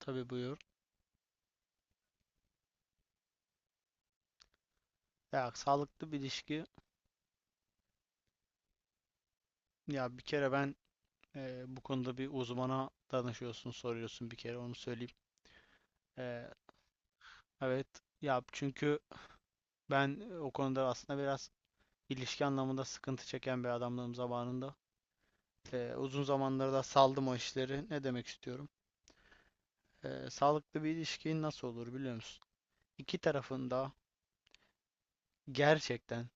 Tabii buyur. Ya sağlıklı bir ilişki. Ya bir kere ben bu konuda bir uzmana danışıyorsun, soruyorsun bir kere onu söyleyeyim. E, evet. Ya çünkü ben o konuda aslında biraz ilişki anlamında sıkıntı çeken bir adamlığım zamanında. Uzun zamanlarda da saldım o işleri. Ne demek istiyorum? Sağlıklı bir ilişki nasıl olur biliyor musun? İki tarafında gerçekten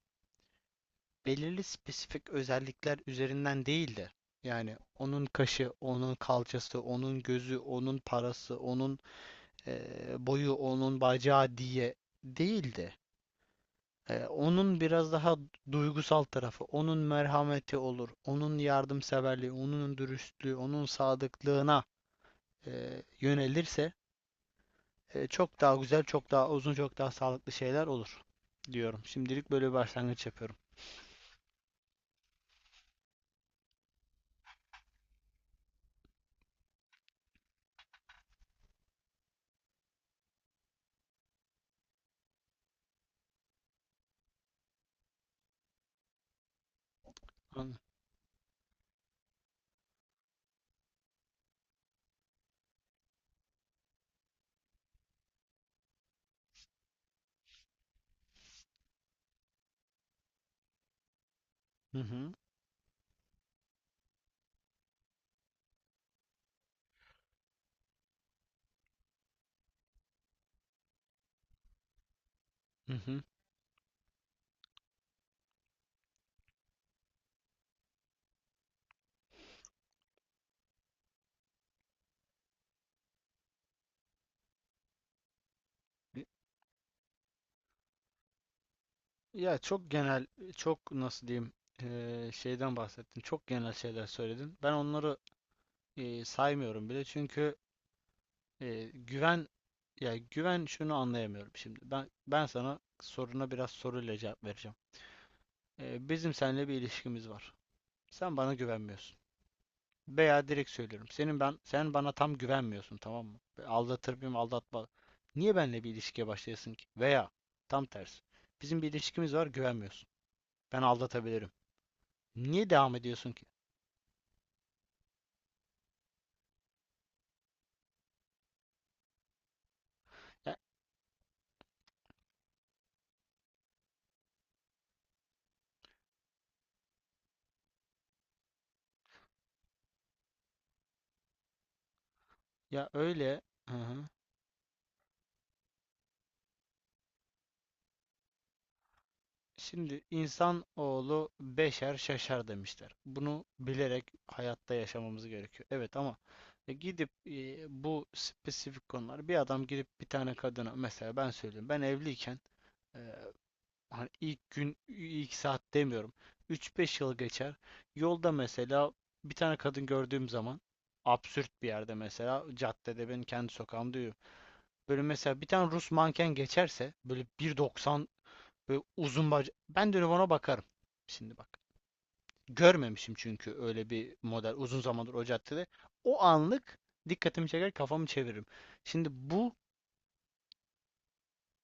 belirli spesifik özellikler üzerinden değil de yani onun kaşı, onun kalçası, onun gözü, onun parası, onun boyu, onun bacağı diye değil de onun biraz daha duygusal tarafı, onun merhameti olur, onun yardımseverliği, onun dürüstlüğü, onun sadıklığına yönelirse çok daha güzel, çok daha uzun, çok daha sağlıklı şeyler olur diyorum. Şimdilik böyle bir başlangıç yapıyorum. Anladın? Hı hı. Hı hı. Ya çok genel, çok nasıl diyeyim şeyden bahsettin. Çok genel şeyler söyledin. Ben onları saymıyorum bile çünkü güven, ya güven şunu anlayamıyorum şimdi. Ben sana soruna biraz soruyla cevap vereceğim. Bizim seninle bir ilişkimiz var. Sen bana güvenmiyorsun. Veya direkt söylüyorum. Sen bana tam güvenmiyorsun, tamam mı? Ve aldatır mıyım, aldatma. Niye benimle bir ilişkiye başlayasın ki? Veya tam tersi. Bizim bir ilişkimiz var, güvenmiyorsun. Ben aldatabilirim. Niye devam ediyorsun ki? Ya, ya öyle. Hı hı. Şimdi insan oğlu beşer şaşar demişler. Bunu bilerek hayatta yaşamamız gerekiyor. Evet ama gidip bu spesifik konular, bir adam gidip bir tane kadına, mesela ben söyleyeyim, ben evliyken, e, hani ilk gün ilk saat demiyorum, 3-5 yıl geçer, yolda mesela bir tane kadın gördüğüm zaman, absürt bir yerde, mesela caddede, ben kendi sokağımda böyle mesela bir tane Rus manken geçerse, böyle 1.90, böyle uzun bacak. Ben dönüp ona bakarım. Şimdi bak. Görmemişim çünkü öyle bir model uzun zamandır o caddede. O anlık dikkatimi çeker, kafamı çeviririm. Şimdi bu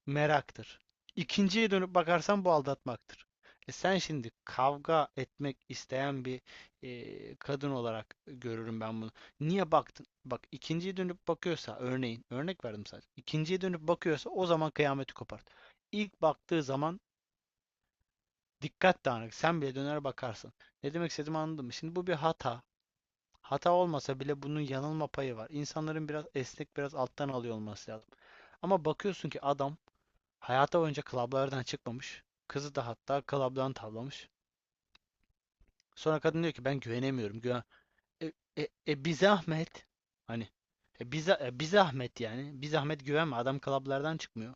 meraktır. İkinciye dönüp bakarsan bu aldatmaktır. E sen şimdi kavga etmek isteyen bir kadın olarak görürüm ben bunu. Niye baktın? Bak, ikinciye dönüp bakıyorsa, örneğin, örnek verdim sadece. İkinciye dönüp bakıyorsa o zaman kıyameti kopart. İlk baktığı zaman dikkat dağınık. Sen bile döner bakarsın. Ne demek istediğimi anladın mı? Şimdi bu bir hata. Hata olmasa bile bunun yanılma payı var. İnsanların biraz esnek, biraz alttan alıyor olması lazım. Ama bakıyorsun ki adam Hayata boyunca klaplardan çıkmamış. Kızı da hatta klaptan tavlamış. Sonra kadın diyor ki ben güvenemiyorum. Güven bir zahmet. Hani bir zahmet yani. Bir zahmet güvenme. Adam klaplardan çıkmıyor.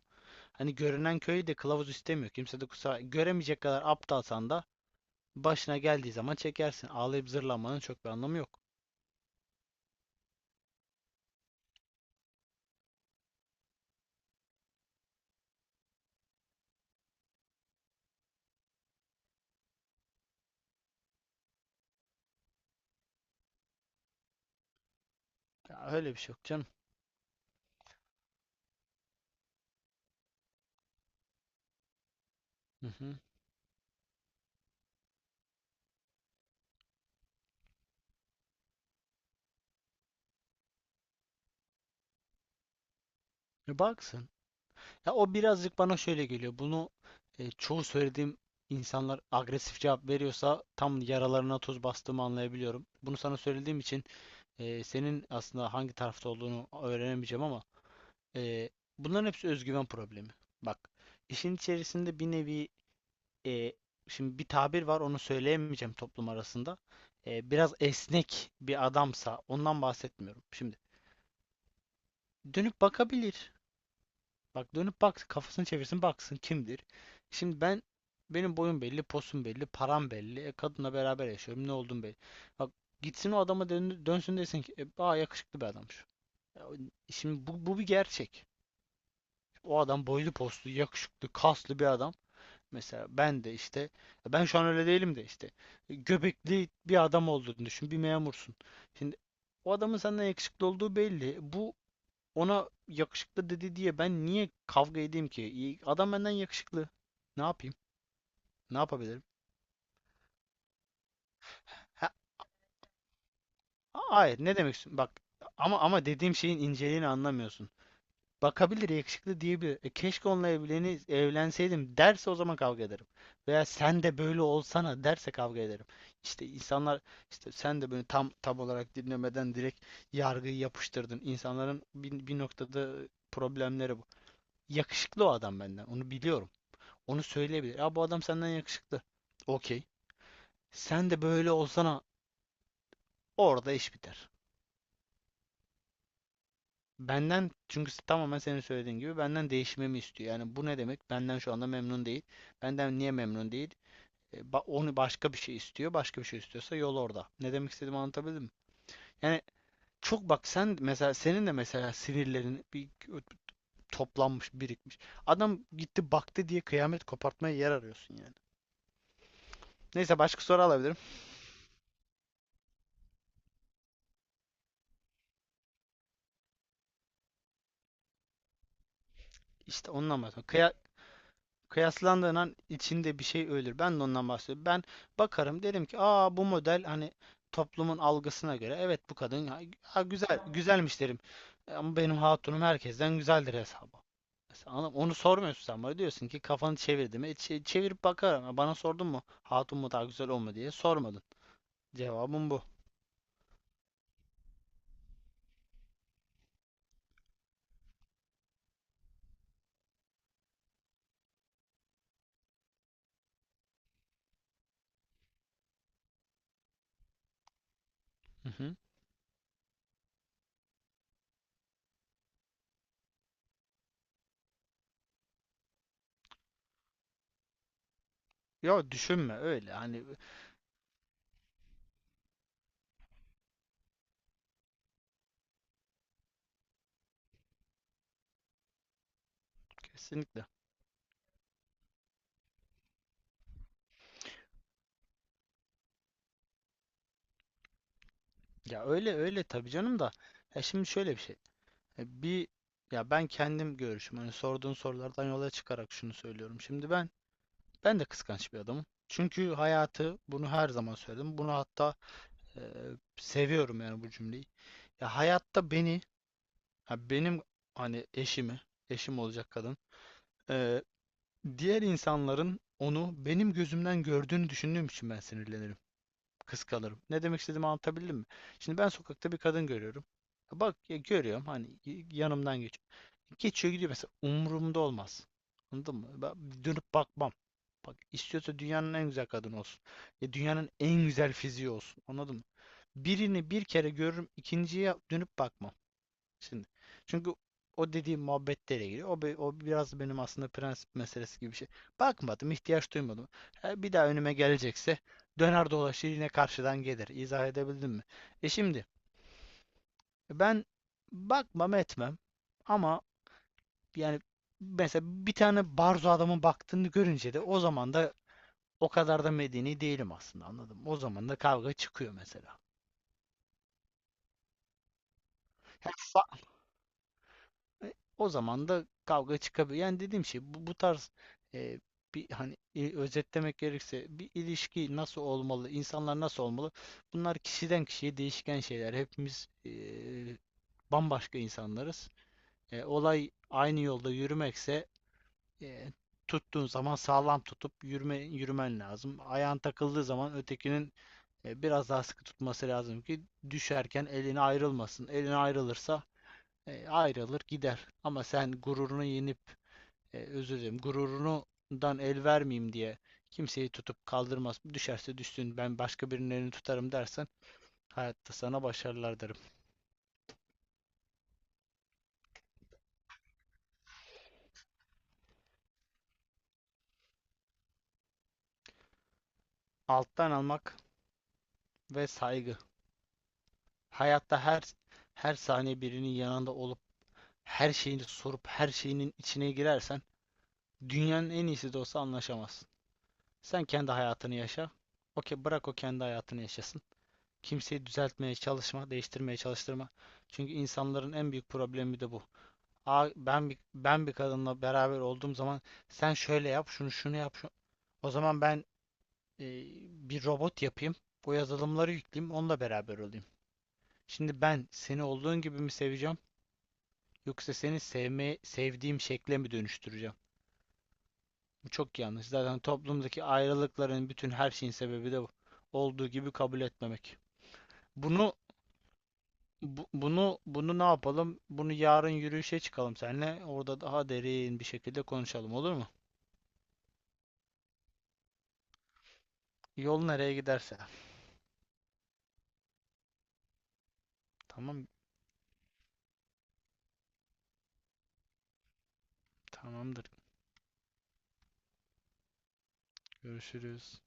Hani görünen köyü de kılavuz istemiyor. Kimse de kusura göremeyecek kadar aptalsan da başına geldiği zaman çekersin. Ağlayıp zırlamanın çok bir anlamı yok. Ya öyle bir şey yok canım. Hı hı. E baksın. Ya o birazcık bana şöyle geliyor. Bunu çoğu söylediğim insanlar agresif cevap veriyorsa tam yaralarına tuz bastığımı anlayabiliyorum. Bunu sana söylediğim için senin aslında hangi tarafta olduğunu öğrenemeyeceğim, ama e, bunların hepsi özgüven problemi. Bak, işin içerisinde bir nevi, e, şimdi bir tabir var, onu söyleyemeyeceğim toplum arasında. Biraz esnek bir adamsa, ondan bahsetmiyorum. Şimdi dönüp bakabilir. Bak, dönüp baksın, kafasını çevirsin baksın kimdir. Şimdi benim boyum belli, posum belli, param belli. Kadınla beraber yaşıyorum. Ne oldum belli. Bak, gitsin o adama dön, dönsün, desin ki aa yakışıklı bir adammış. Şimdi bu bir gerçek. O adam boylu poslu, yakışıklı, kaslı bir adam. Mesela ben de işte, ben şu an öyle değilim de işte göbekli bir adam olduğunu düşün. Bir memursun. Şimdi o adamın senden yakışıklı olduğu belli. Bu, ona yakışıklı dedi diye ben niye kavga edeyim ki? İyi- Adam benden yakışıklı. Ne yapayım? Ne yapabilirim? Ha, hayır, ne demek istiyorum? Bak, ama dediğim şeyin inceliğini anlamıyorsun. Bakabilir, yakışıklı diyebilir. E, keşke onunla evleni, evlenseydim derse o zaman kavga ederim. Veya sen de böyle olsana derse kavga ederim. İşte insanlar, işte sen de böyle tam olarak dinlemeden direkt yargıyı yapıştırdın. İnsanların bir noktada problemleri bu. Yakışıklı o adam benden. Onu biliyorum. Onu söyleyebilir. Ya bu adam senden yakışıklı. Okey. Sen de böyle olsana, orada iş biter. Benden, çünkü tamamen senin söylediğin gibi benden değişmemi istiyor. Yani bu ne demek? Benden şu anda memnun değil. Benden niye memnun değil? E, Onu başka bir şey istiyor. Başka bir şey istiyorsa yol orada. Ne demek istediğimi anlatabildim mi? Yani çok bak, sen mesela senin de mesela sinirlerin bir toplanmış, birikmiş. Adam gitti baktı diye kıyamet kopartmaya yer arıyorsun yani. Neyse, başka soru alabilirim. İşte onunla bahsediyorum. Kıya- Kıyaslandığın an içinde bir şey ölür. Ben de ondan bahsediyorum. Ben bakarım, derim ki aa bu model hani toplumun algısına göre evet bu kadın ha, ha, güzel güzelmiş derim. E, ama benim hatunum herkesten güzeldir hesabı. Mesela anladın mı? Onu sormuyorsun sen, bana diyorsun ki kafanı çevirdim. E, çevirip bakarım. Ha, bana sordun mu hatun mu daha güzel o mu diye sormadın. Cevabım bu. Hı hı. Ya düşünme öyle, hani kesinlikle. Ya öyle öyle tabii canım da. Ya şimdi şöyle bir şey. Bir, ya ben kendim görüşüm. Hani sorduğun sorulardan yola çıkarak şunu söylüyorum. Şimdi ben de kıskanç bir adamım. Çünkü hayatı bunu her zaman söyledim. Bunu hatta e, seviyorum yani bu cümleyi. Ya hayatta beni, ha benim hani eşimi, eşim olacak kadın. e, Diğer insanların onu benim gözümden gördüğünü düşündüğüm için ben sinirlenirim, kıskanırım. Ne demek istediğimi anlatabildim mi? Şimdi ben sokakta bir kadın görüyorum. Bak, ya görüyorum, hani yanımdan geçiyor. Geçiyor gidiyor mesela. Umurumda olmaz. Anladın mı? Ben dönüp bakmam. Bak, istiyorsa dünyanın en güzel kadını olsun. Ya dünyanın en güzel fiziği olsun. Anladın mı? Birini bir kere görürüm, ikinciye dönüp bakmam. Şimdi. Çünkü o dediğim muhabbetlere giriyor. O, o biraz benim aslında prensip meselesi gibi bir şey. Bakmadım, ihtiyaç duymadım. Ha, bir daha önüme gelecekse döner dolaşır yine karşıdan gelir. İzah edebildim mi? E şimdi ben bakmam etmem, ama yani mesela bir tane barzo adamın baktığını görünce de o zaman da o kadar da medeni değilim aslında, anladım. O zaman da kavga çıkıyor mesela. Ha, fa- O zaman da kavga çıkabiliyor. Yani dediğim şey bu, bu tarz e, bir, hani, özetlemek gerekirse bir ilişki nasıl olmalı, insanlar nasıl olmalı? Bunlar kişiden kişiye değişken şeyler. Hepimiz bambaşka insanlarız. Olay aynı yolda yürümekse, e, tuttuğun zaman sağlam tutup yürümen lazım. Ayağın takıldığı zaman ötekinin biraz daha sıkı tutması lazım ki düşerken eline ayrılmasın. Eline ayrılırsa ayrılır gider. Ama sen gururunu yenip özür dilerim, gururundan el vermeyeyim diye kimseyi tutup kaldırmaz. Düşerse düşsün, ben başka birinin elini tutarım dersen, hayatta sana başarılar derim. Alttan almak ve saygı. Hayatta her saniye birinin yanında olup her şeyini sorup her şeyinin içine girersen dünyanın en iyisi de olsa anlaşamazsın. Sen kendi hayatını yaşa. Okey, bırak o kendi hayatını yaşasın. Kimseyi düzeltmeye çalışma, değiştirmeye çalıştırma. Çünkü insanların en büyük problemi de bu. Aa, ben bir kadınla beraber olduğum zaman sen şöyle yap, şunu şunu yap. Şu-" O zaman ben e, bir robot yapayım. O yazılımları yükleyeyim, onunla beraber olayım. Şimdi ben seni olduğun gibi mi seveceğim, yoksa seni sevme, sevdiğim şekle mi dönüştüreceğim? Bu çok yanlış. Zaten toplumdaki ayrılıkların bütün her şeyin sebebi de bu. Olduğu gibi kabul etmemek. Bunu bunu ne yapalım? Bunu yarın yürüyüşe çıkalım seninle. Orada daha derin bir şekilde konuşalım, olur mu? Yol nereye giderse. Tamam, tamamdır. Görüşürüz.